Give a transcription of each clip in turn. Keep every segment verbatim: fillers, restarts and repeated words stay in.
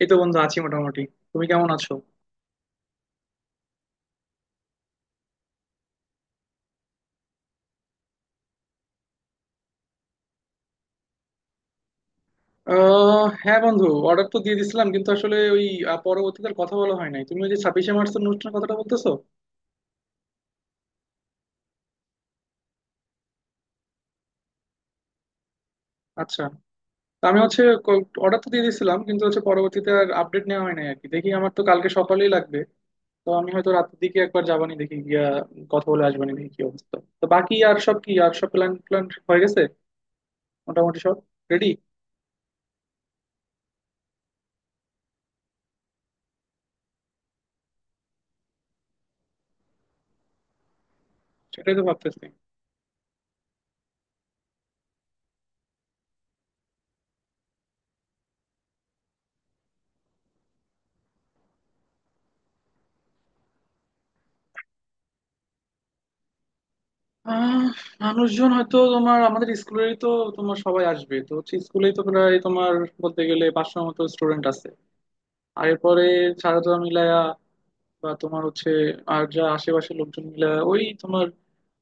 এই তো বন্ধু আছি মোটামুটি। তুমি কেমন আছো? আহ হ্যাঁ বন্ধু, অর্ডার তো দিয়ে দিছিলাম, কিন্তু আসলে ওই আহ, পরবর্তীতে আর কথা বলা হয় নাই। তুমি ওই যে ছাব্বিশে মার্চের অনুষ্ঠানের কথাটা বলতেছো? আচ্ছা, তা আমি হচ্ছে অর্ডার তো দিয়ে দিছিলাম, কিন্তু হচ্ছে পরবর্তীতে আর আপডেট নেওয়া হয় নাই আর কি। দেখি, আমার তো কালকে সকালেই লাগবে। তো আমি হয়তো রাতের দিকে একবার যাবানি, দেখি গিয়া কথা বলে আসবানি, দেখি কি অবস্থা। তো বাকি আর সব কি, আর সব প্ল্যান প্ল্যান হয়ে গেছে মোটামুটি, সব রেডি? সেটাই তো ভাবতেছি। আহ মানুষজন হয়তো তোমার আমাদের স্কুলেরই তো। তোমার সবাই আসবে তো, হচ্ছে স্কুলেই তো প্রায় তোমার বলতে গেলে পাঁচশোর মতো স্টুডেন্ট আছে। আর এরপরে ছাত্ররা মিলায়া বা তোমার হচ্ছে আর যা আশেপাশের লোকজন মিলায়া, ওই তোমার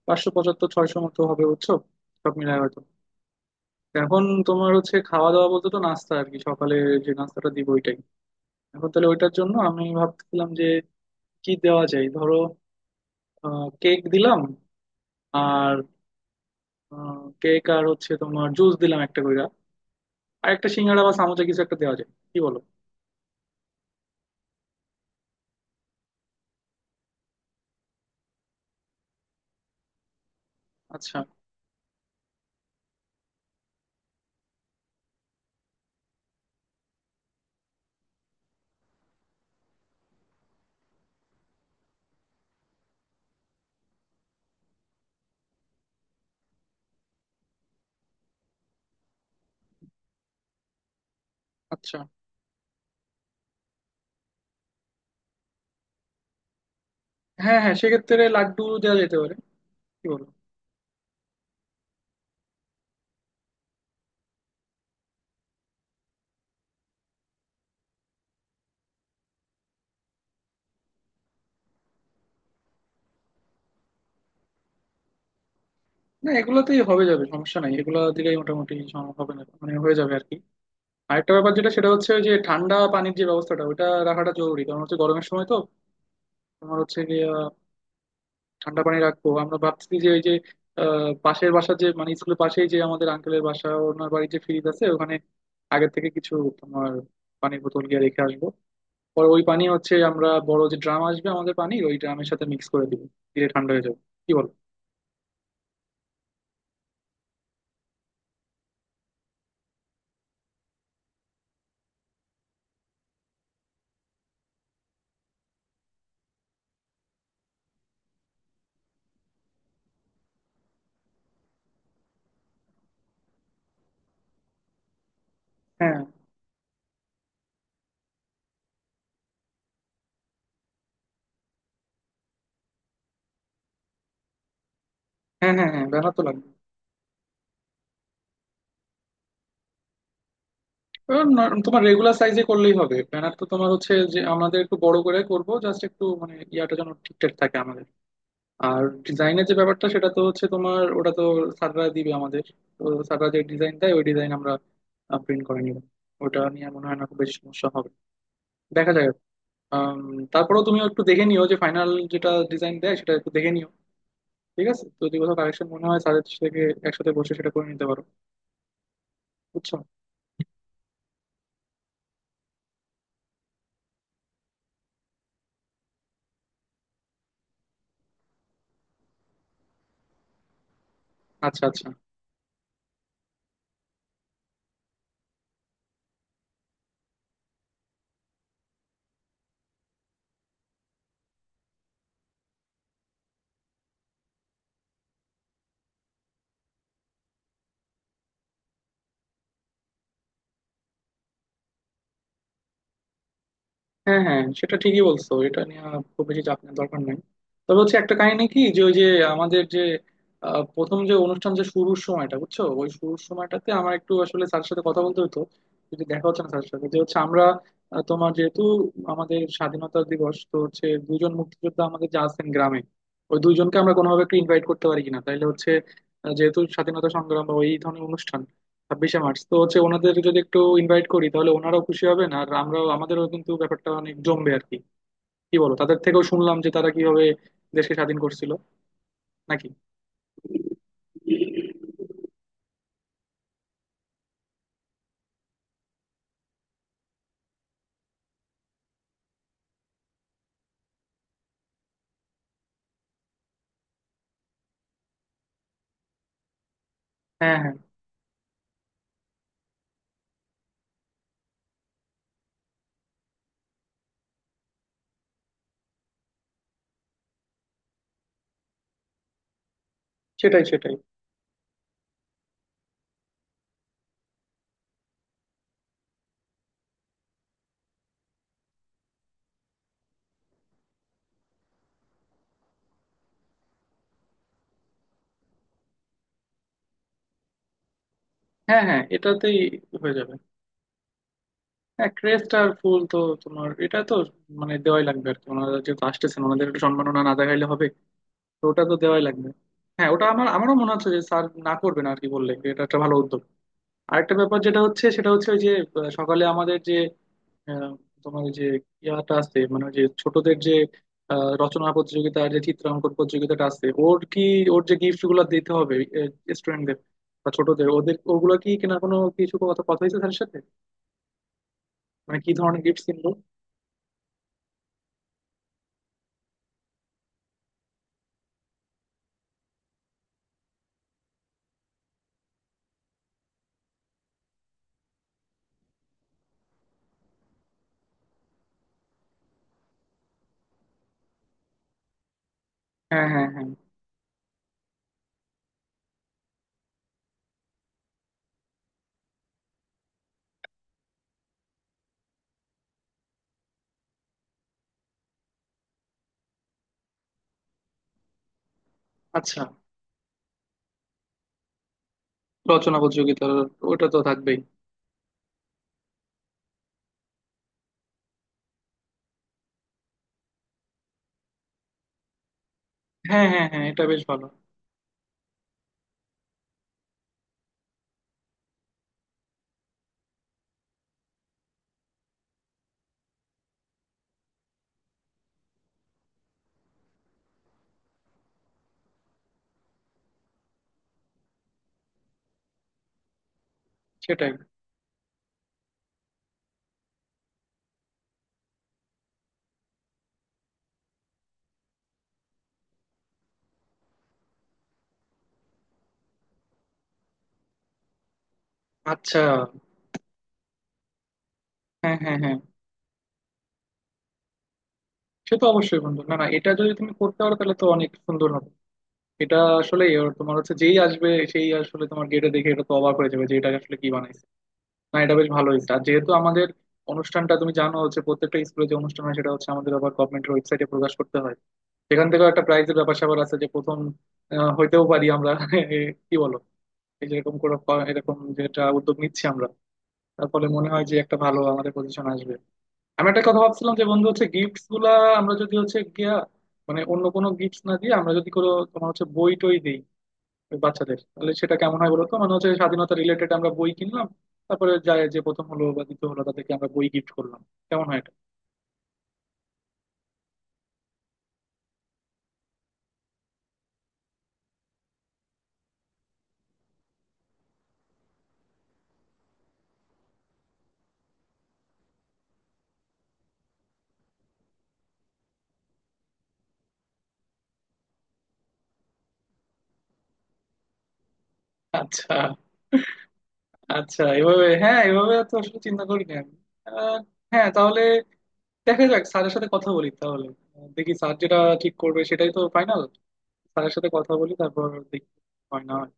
পাঁচশো পঁচাত্তর ছয়শো মতো হবে বুঝছো, সব মিলায় হয়তো। এখন তোমার হচ্ছে খাওয়া দাওয়া বলতে তো নাস্তা আর কি, সকালে যে নাস্তাটা দিব ওইটাই। এখন তাহলে ওইটার জন্য আমি ভাবতেছিলাম যে কি দেওয়া যায়, ধরো কেক দিলাম, আর কেক আর হচ্ছে তোমার জুস দিলাম একটা করে, আর একটা সিঙ্গাড়া বা সামোসা কিছু একটা দেওয়া যায়, কি বলো? আচ্ছা আচ্ছা। হ্যাঁ হ্যাঁ, সেক্ষেত্রে লাড্ডু দেওয়া যেতে পারে, কি বলো? না, এগুলোতেই হবে, যাবে, সমস্যা নাই, এগুলো দিলেই মোটামুটি সম- হবে, না মানে হয়ে যাবে আর কি। আরেকটা ব্যাপার যেটা, সেটা হচ্ছে ওই যে ঠান্ডা পানির যে ব্যবস্থাটা, ওটা রাখাটা জরুরি, কারণ হচ্ছে গরমের সময় তো। তোমার হচ্ছে যে ঠান্ডা পানি রাখবো, আমরা ভাবছি যে ওই যে আহ, পাশের বাসার যে মানে স্কুলের পাশেই যে আমাদের আঙ্কেলের বাসা, ওনার বাড়ির যে ফ্রিজ আছে ওখানে আগে থেকে কিছু তোমার পানির বোতল গিয়ে রেখে আসবো। পরে ওই পানি হচ্ছে আমরা বড় যে ড্রাম আসবে আমাদের, পানি ওই ড্রামের সাথে মিক্স করে দিব, দিয়ে ঠান্ডা হয়ে যাবে, কি বল? হ্যাঁ হ্যাঁ হ্যাঁ, হ্যাঁ ব্যানার তো লাগবে। এবার ন- তোমার রেগুলার সাইজে করলেই হবে। ব্যানার তো তোমার হচ্ছে যে আমাদের একটু বড় করে করব, জাস্ট একটু মানে ইয়াটা যেন ঠিকঠাক থাকে আমাদের। আর ডিজাইনের যে ব্যাপারটা, সেটা তো হচ্ছে তোমার ওটা তো স্যাররা দিবে আমাদের। তো স্যাররা যে ডিজাইন দেয় ওই ডিজাইন আমরা প্রিন্ট করে নিব। ওটা নিয়ে মনে হয় না খুব বেশি সমস্যা হবে, দেখা যাক। আম, তারপরেও তুমিও একটু দেখে নিও যে ফাইনাল যেটা ডিজাইন দেয় সেটা একটু দেখে নিও, ঠিক আছে? তো যদি কোথাও কারেকশন মনে হয় স্যারের থেকে, একসাথে বসে সেটা করে নিতে পারো, বুঝছো? আচ্ছা আচ্ছা। হ্যাঁ হ্যাঁ, সেটা ঠিকই বলছো, এটা নিয়ে খুব বেশি চাপ নেওয়ার দরকার নাই। তবে হচ্ছে একটা কাহিনী কি, যে ওই যে আমাদের যে আহ, প্রথম যে অনুষ্ঠান যে শুরুর সময়টা বুঝছো, ওই শুরুর সময়টাতে আমার একটু আসলে স্যারের সাথে কথা বলতে হতো। যদি দেখা হচ্ছে না স্যারের সাথে, যে হচ্ছে আমরা আহ, তোমার যেহেতু আমাদের স্বাধীনতা দিবস, তো হচ্ছে দুজন মুক্তিযোদ্ধা আমাদের যে আছেন গ্রামে, ওই দুইজনকে আমরা কোনোভাবে একটু ইনভাইট করতে পারি কিনা, তাইলে হচ্ছে আহ, যেহেতু স্বাধীনতা সংগ্রাম বা ওই ধরনের অনুষ্ঠান, ছাব্বিশে মার্চ, তো হচ্ছে ওনাদের যদি একটু ইনভাইট করি তাহলে ওনারাও খুশি হবেন, আর আমরাও, আমাদেরও কিন্তু ব্যাপারটা অনেক জমবে আর কি। কি বলো, তাদের থেকেও শুনলাম যে তারা কিভাবে দেশকে স্বাধীন করছিল, নাকি? হ্যাঁ হ্যাঁ। সেটাই সেটাই। হ্যাঁ হ্যাঁ, এটাতেই হয়ে যাবে। হ্যাঁ, ক্রেস্ট আর ফুল তো তোমার এটা তো মানে দেওয়াই লাগবে আর কি, ওনারা যেহেতু আসতেছেন, ওনাদের একটু সম্মাননা না দেখাইলে হবে? তো ওটা তো দেওয়াই লাগবে। হ্যাঁ, ওটা আমার, আমারও মনে হচ্ছে যে স্যার না করবেন আর কি বললে, এটা একটা ভালো উদ্যোগ। আরেকটা ব্যাপার যেটা হচ্ছে, সেটা হচ্ছে ওই যে আহ, সকালে আমাদের যে আহ, তোমার ওই যে ইয়াটা আছে, মানে ওই যে ছোটদের যে আহ, রচনা প্রতিযোগিতা আর যে চিত্রাঙ্কন প্রতিযোগিতাটা আছে, ওর কি, ওর যে গিফট গুলো দিতে হবে স্টুডেন্টদের বা ছোটদের, ওদের ওগুলো কি কিনা কোনো কিছু কথা কথা হয়েছে তার সাথে, মানে কি ধরনের গিফট কিনবো? হ্যাঁ হ্যাঁ হ্যাঁ। আচ্ছা, রচনা প্রতিযোগিতা ওটা তো থাকবেই। হ্যাঁ হ্যাঁ হ্যাঁ, এটা বেশ ভালো। সেটাই। আচ্ছা। হ্যাঁ হ্যাঁ হ্যাঁ, সে তো অবশ্যই বন্ধু, না না, এটা যদি তুমি করতে পারো তাহলে তো অনেক সুন্দর হবে। এটা আসলে ওর তোমার হচ্ছে যেই আসবে সেই আসলে তোমার গেটে দেখে এটা তো অবাক হয়ে যাবে যে এটা আসলে কি বানাইছে। না, এটা বেশ ভালো হয়েছে। আর যেহেতু আমাদের অনুষ্ঠানটা তুমি জানো হচ্ছে প্রত্যেকটা স্কুলে যে অনুষ্ঠান হয় সেটা হচ্ছে আমাদের আবার গভর্নমেন্টের ওয়েবসাইটে প্রকাশ করতে হয়। সেখান থেকেও একটা প্রাইজের ব্যাপার স্যাপার আছে, যে প্রথম আহ, হইতেও পারি আমরা এ, কি বলো, এই যে এরকম করে এরকম যেটা উদ্যোগ নিচ্ছি আমরা, তার ফলে মনে হয় যে একটা ভালো আমাদের পজিশন আসবে। আমি একটা কথা ভাবছিলাম যে বন্ধু হচ্ছে গিফটস গুলা আমরা যদি হচ্ছে গিয়া মানে অন্য কোনো গিফটস না দিয়ে, আমরা যদি কোনো তোমার হচ্ছে বই টই দিই বাচ্চাদের, তাহলে সেটা কেমন হয় বলতো? মানে হচ্ছে স্বাধীনতা রিলেটেড আমরা বই কিনলাম, তারপরে যায় যে প্রথম হলো বা দ্বিতীয় হলো তাদেরকে আমরা বই গিফট করলাম, কেমন হয় এটা? আচ্ছা আচ্ছা, এভাবে, হ্যাঁ এভাবে তো আসলে চিন্তা করিনি আমি। আহ, হ্যাঁ তাহলে দেখা যাক, স্যারের সাথে কথা বলি তাহলে। আহ, দেখি স্যার যেটা ঠিক করবে সেটাই তো ফাইনাল। স্যারের সাথে কথা বলি, তারপর দেখি হয় না হয়।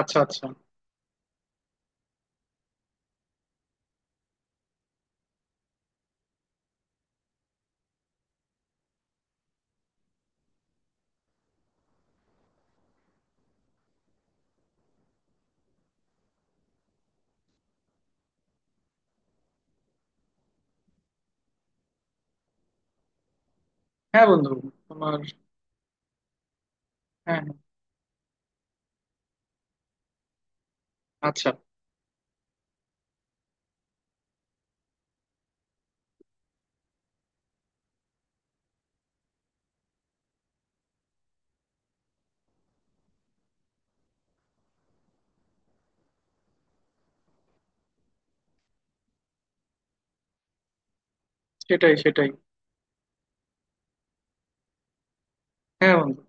আচ্ছা আচ্ছা। হ্যাঁ বন্ধু, তোমার। হ্যাঁ হ্যাঁ। আচ্ছা। সেটাই সেটাই। হ্যাঁ বন্ধু।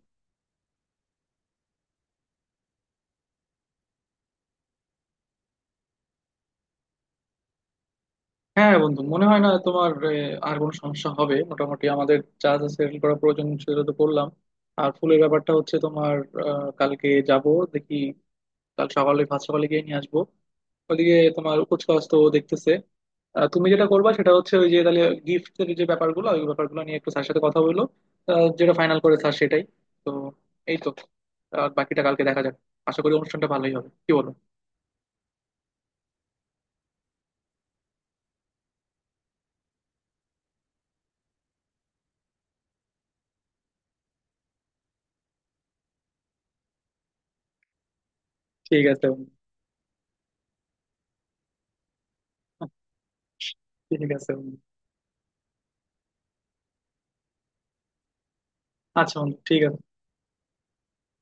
হ্যাঁ বন্ধু, মনে হয় না তোমার আহ, আর কোনো সমস্যা হবে। মোটামুটি আমাদের যা যা সেটেল করা প্রয়োজন সেটা তো করলাম। আর ফুলের ব্যাপারটা হচ্ছে তোমার আহ, কালকে যাব, দেখি। কাল সকালে, ভাত সকালে গিয়ে নিয়ে আসবো। ওদিকে তোমার কুচকাওয়াজ তো দেখতেছে। আহ, তুমি যেটা করবা সেটা হচ্ছে ওই যে তাহলে গিফটের যে ব্যাপারগুলো, ওই ব্যাপারগুলো নিয়ে একটু স্যার সাথে কথা বললো, যেটা ফাইনাল করে স্যার সেটাই। তো এই তো, আর বাকিটা কালকে দেখা যাক। আশা করি অনুষ্ঠানটা ভালোই হবে, কি বলো? ঠিক আছে বন্ধু। ঠিক আছে বন্ধু। আচ্ছা বন্ধু, ঠিক আছে।